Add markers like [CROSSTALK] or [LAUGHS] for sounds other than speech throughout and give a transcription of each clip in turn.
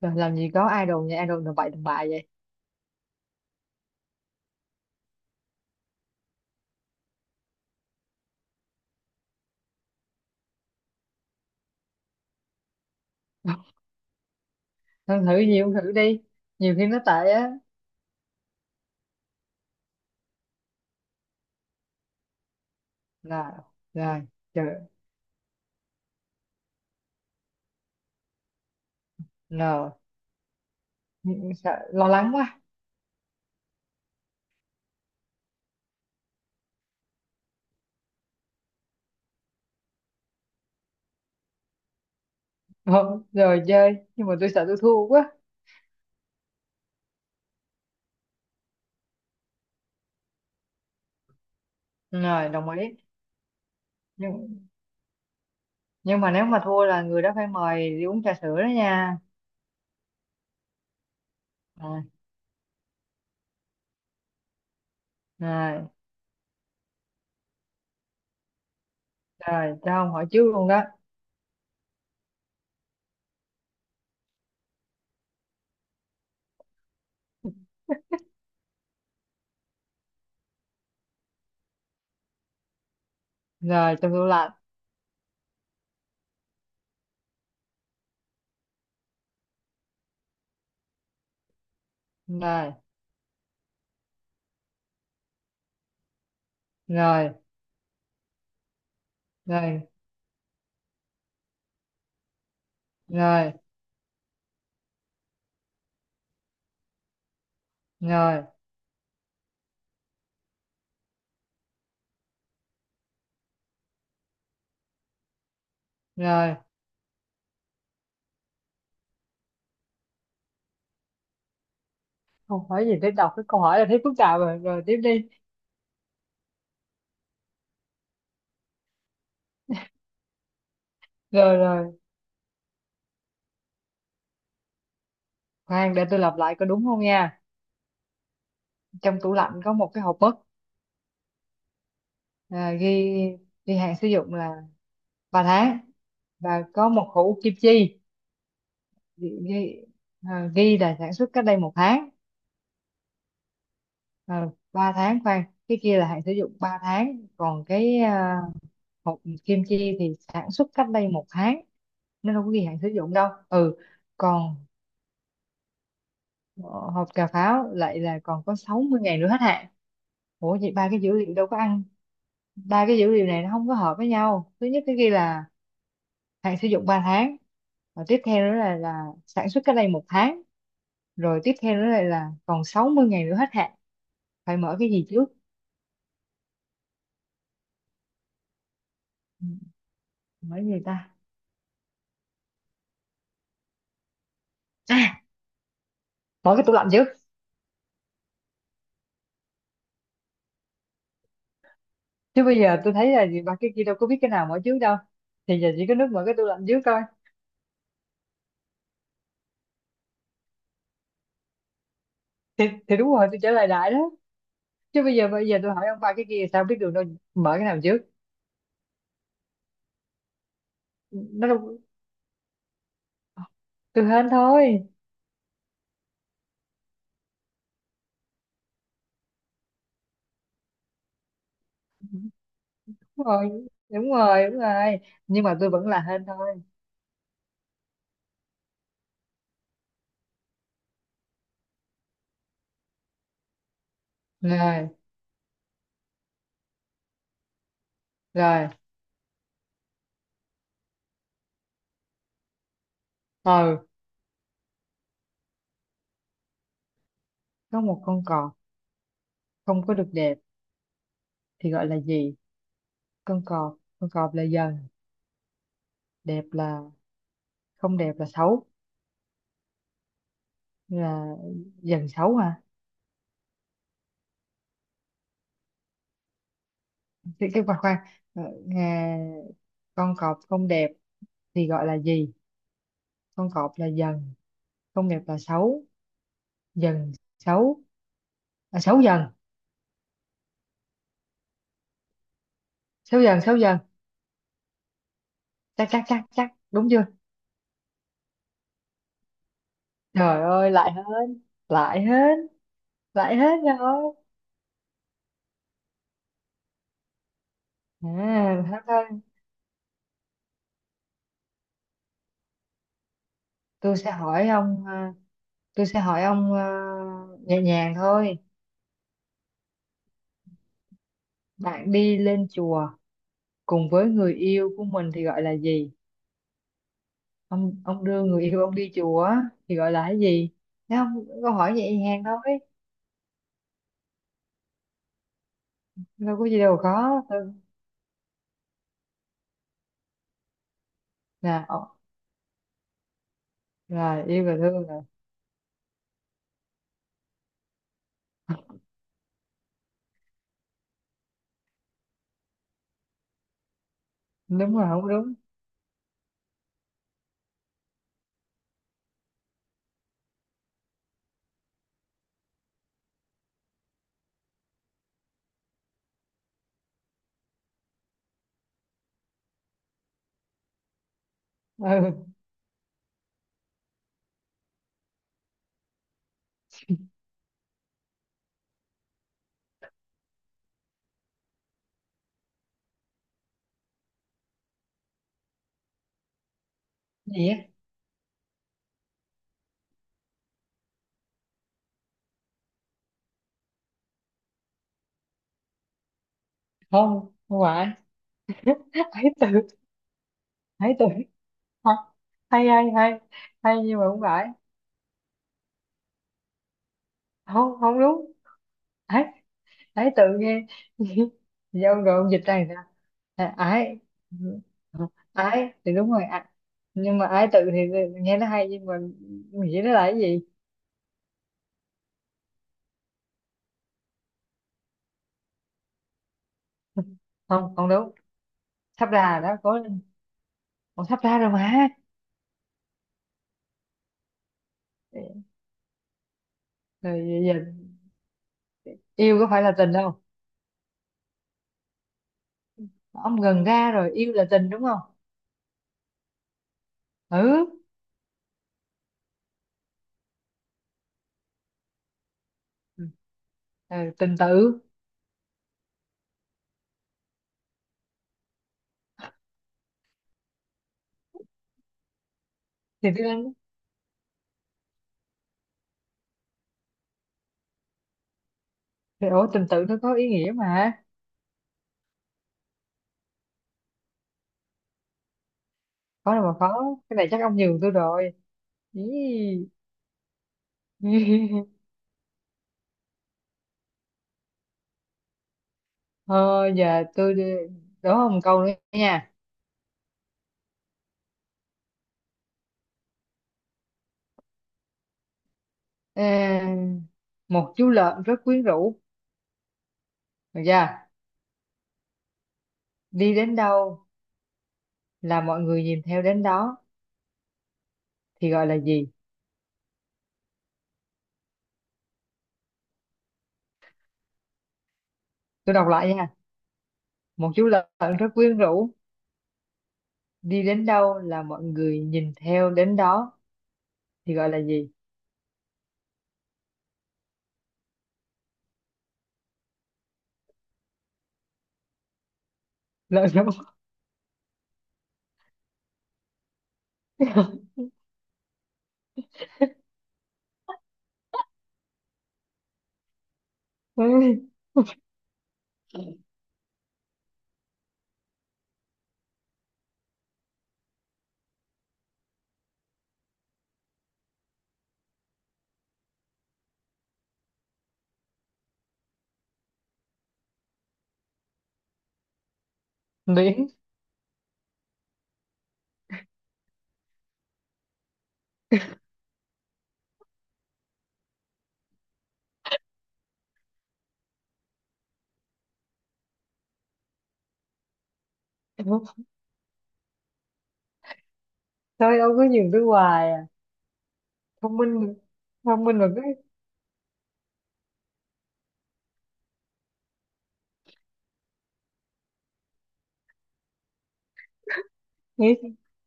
Rồi làm gì có idol nha, idol là bậy đàn bà vậy. [LAUGHS] Thôi thử gì cũng thử đi. Nhiều khi nó tệ á. Là, rồi, chờ, nờ. Sợ, lo lắng quá. [LAUGHS] Rồi, rồi chơi. Nhưng mà tôi sợ tôi thua quá. Rồi, đồng ý. Nhưng, nhưng mà nếu mà thua là người đó phải mời đi uống trà sữa đó nha. Rồi, rồi, rồi, cho ông hỏi trước luôn đó. Rồi, trong tủ lạnh. Rồi, rồi, rồi, rồi, rồi, rồi. Không hỏi gì tới đọc cái câu hỏi là thấy phức tạp rồi. Rồi, tiếp đi. Rồi, rồi. Khoan để tôi lặp lại có đúng không nha. Trong tủ lạnh có một cái hộp mứt à, ghi ghi hạn sử dụng là 3 tháng, và có một hũ kim chi, ghi, ghi, ghi là sản xuất cách đây một tháng. À, 3 tháng, khoan, cái kia là hạn sử dụng 3 tháng, còn cái à, hộp kim chi thì sản xuất cách đây một tháng, nó đâu có ghi hạn sử dụng đâu. Ừ, còn ờ, hộp cà pháo lại là còn có 60 ngày nữa hết hạn. Ủa vậy ba cái dữ liệu đâu có ăn, ba cái dữ liệu này nó không có hợp với nhau. Thứ nhất cái ghi là hạn sử dụng 3 tháng, và tiếp theo nữa là sản xuất cách đây một tháng, rồi tiếp theo nữa lại là còn 60 ngày nữa hết hạn. Phải mở cái gì trước? Ừ, mở cái gì ta? À, mở cái tủ lạnh trước, chứ bây giờ tôi thấy là gì, ba cái kia đâu có biết cái nào mở trước đâu, thì giờ chỉ có nước mở cái tủ lạnh trước coi. Thì đúng rồi, tôi trả lời đại đó, chứ bây giờ tôi hỏi ông ba cái kia sao biết được đâu, mở cái nào trước? Nó đâu, tôi hên thôi. Đúng rồi, đúng rồi, đúng rồi, nhưng mà tôi vẫn là hên thôi. Rồi, rồi. Ừ, có một con cọp không có được đẹp thì gọi là gì? Con cọp là dần. Đẹp là, không đẹp là xấu, là dần xấu hả? Cái Khoan, khoan. Ờ, nghe- con cọp không đẹp thì gọi là gì? Con cọp là dần, không đẹp là xấu. Dần xấu. À, xấu dần, xấu dần, xấu dần. Chắc, chắc, chắc, chắc, đúng chưa? Trời ơi, lại hên, lại hên, lại hên rồi. À, thôi thôi. Tôi sẽ hỏi ông, à, tôi sẽ hỏi ông ờ, nhẹ nhàng thôi. Bạn đi lên chùa cùng với người yêu của mình thì gọi là gì? Ông đưa người yêu ông đi chùa á, thì gọi là cái gì? Thấy không? Câu hỏi nhẹ nhàng thôi. Đâu có gì đâu khó. Ừ. Là ờ, là yêu và thương là đúng, là không đúng. Ừ. Gì á? Không, không phải. [LAUGHS] Hãy từ, hãy từ. Hay, hay, hay, hay, nhưng mà không phải. Không, không đúng. Ấy tự nghe. [LAUGHS] Dạ, rồi ông dịch ra người à, ái. Ừ, ái thì đúng rồi à, nhưng mà ái tự thì nghe nó hay, nhưng mà nghĩ nó là cái gì? [LAUGHS] Không, không đúng. Sắp ra rồi đó, có còn sắp ra rồi mà. Rồi giờ, yêu có phải là tình đâu, ông gần ra rồi, yêu là tình đúng không? Ừ, ừ, tình tự. Thì tôi đang, thì ủa tình tự nó có ý nghĩa mà. Khó đâu mà khó, cái này chắc ông nhường tôi rồi. Ý. [LAUGHS] Thôi giờ tôi đi- Đố ông câu nữa nha. Ờ, một chú lợn rất quyến rũ, được chưa? Đi đến đâu là mọi người nhìn theo đến đó thì gọi là gì? Tôi đọc lại nha. Một chú lợn rất quyến rũ, đi đến đâu là mọi người nhìn theo đến đó thì gọi là gì? Lợn giống. [LAUGHS] Miễn. Thôi ông cứ nhìn tôi hoài à. Thông minh, thông minh mà cứ nghĩ.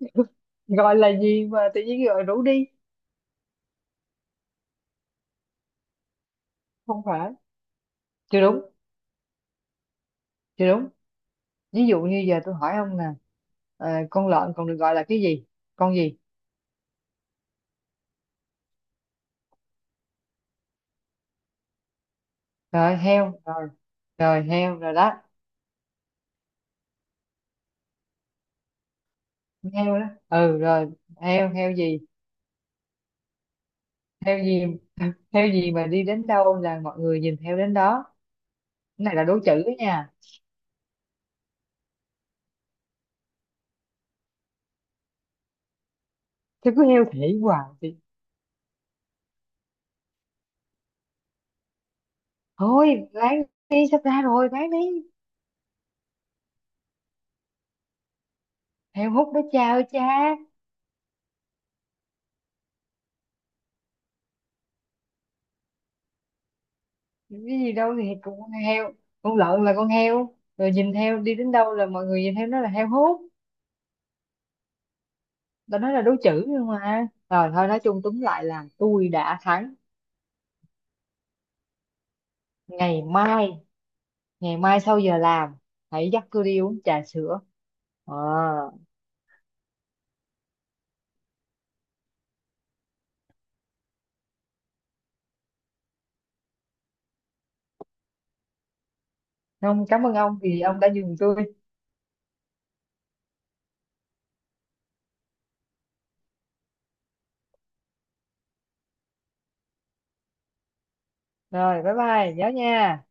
[LAUGHS] Gọi là gì mà tự nhiên gọi rủ đi. Không phải. Chưa đúng, chưa đúng. Ví dụ như giờ tôi hỏi ông nè, ờ, con lợn còn được gọi là cái gì, con gì? Rồi heo, rồi heo rồi đó, heo đó. Ừ, rồi heo, heo gì, heo gì? [LAUGHS] Heo gì mà đi đến đâu là mọi người nhìn theo đến đó? Cái này là đố chữ đó nha, chứ cứ heo thể hoài thì thôi, bán đi, sắp ra rồi, bán đi. Heo hút đó cha ơi cha, cái gì đâu thì cũng con heo. Con lợn là con heo, rồi nhìn theo, đi đến đâu là mọi người nhìn theo, nó là heo hút. Tao nói là đố chữ, nhưng mà rồi thôi, nói chung túm lại là tôi đã thắng. Ngày mai, ngày mai sau giờ làm, hãy dắt tôi đi uống trà sữa. Ờ, ông cảm ơn ông vì ông đã nhường tôi. Rồi, bye bye nhớ nha.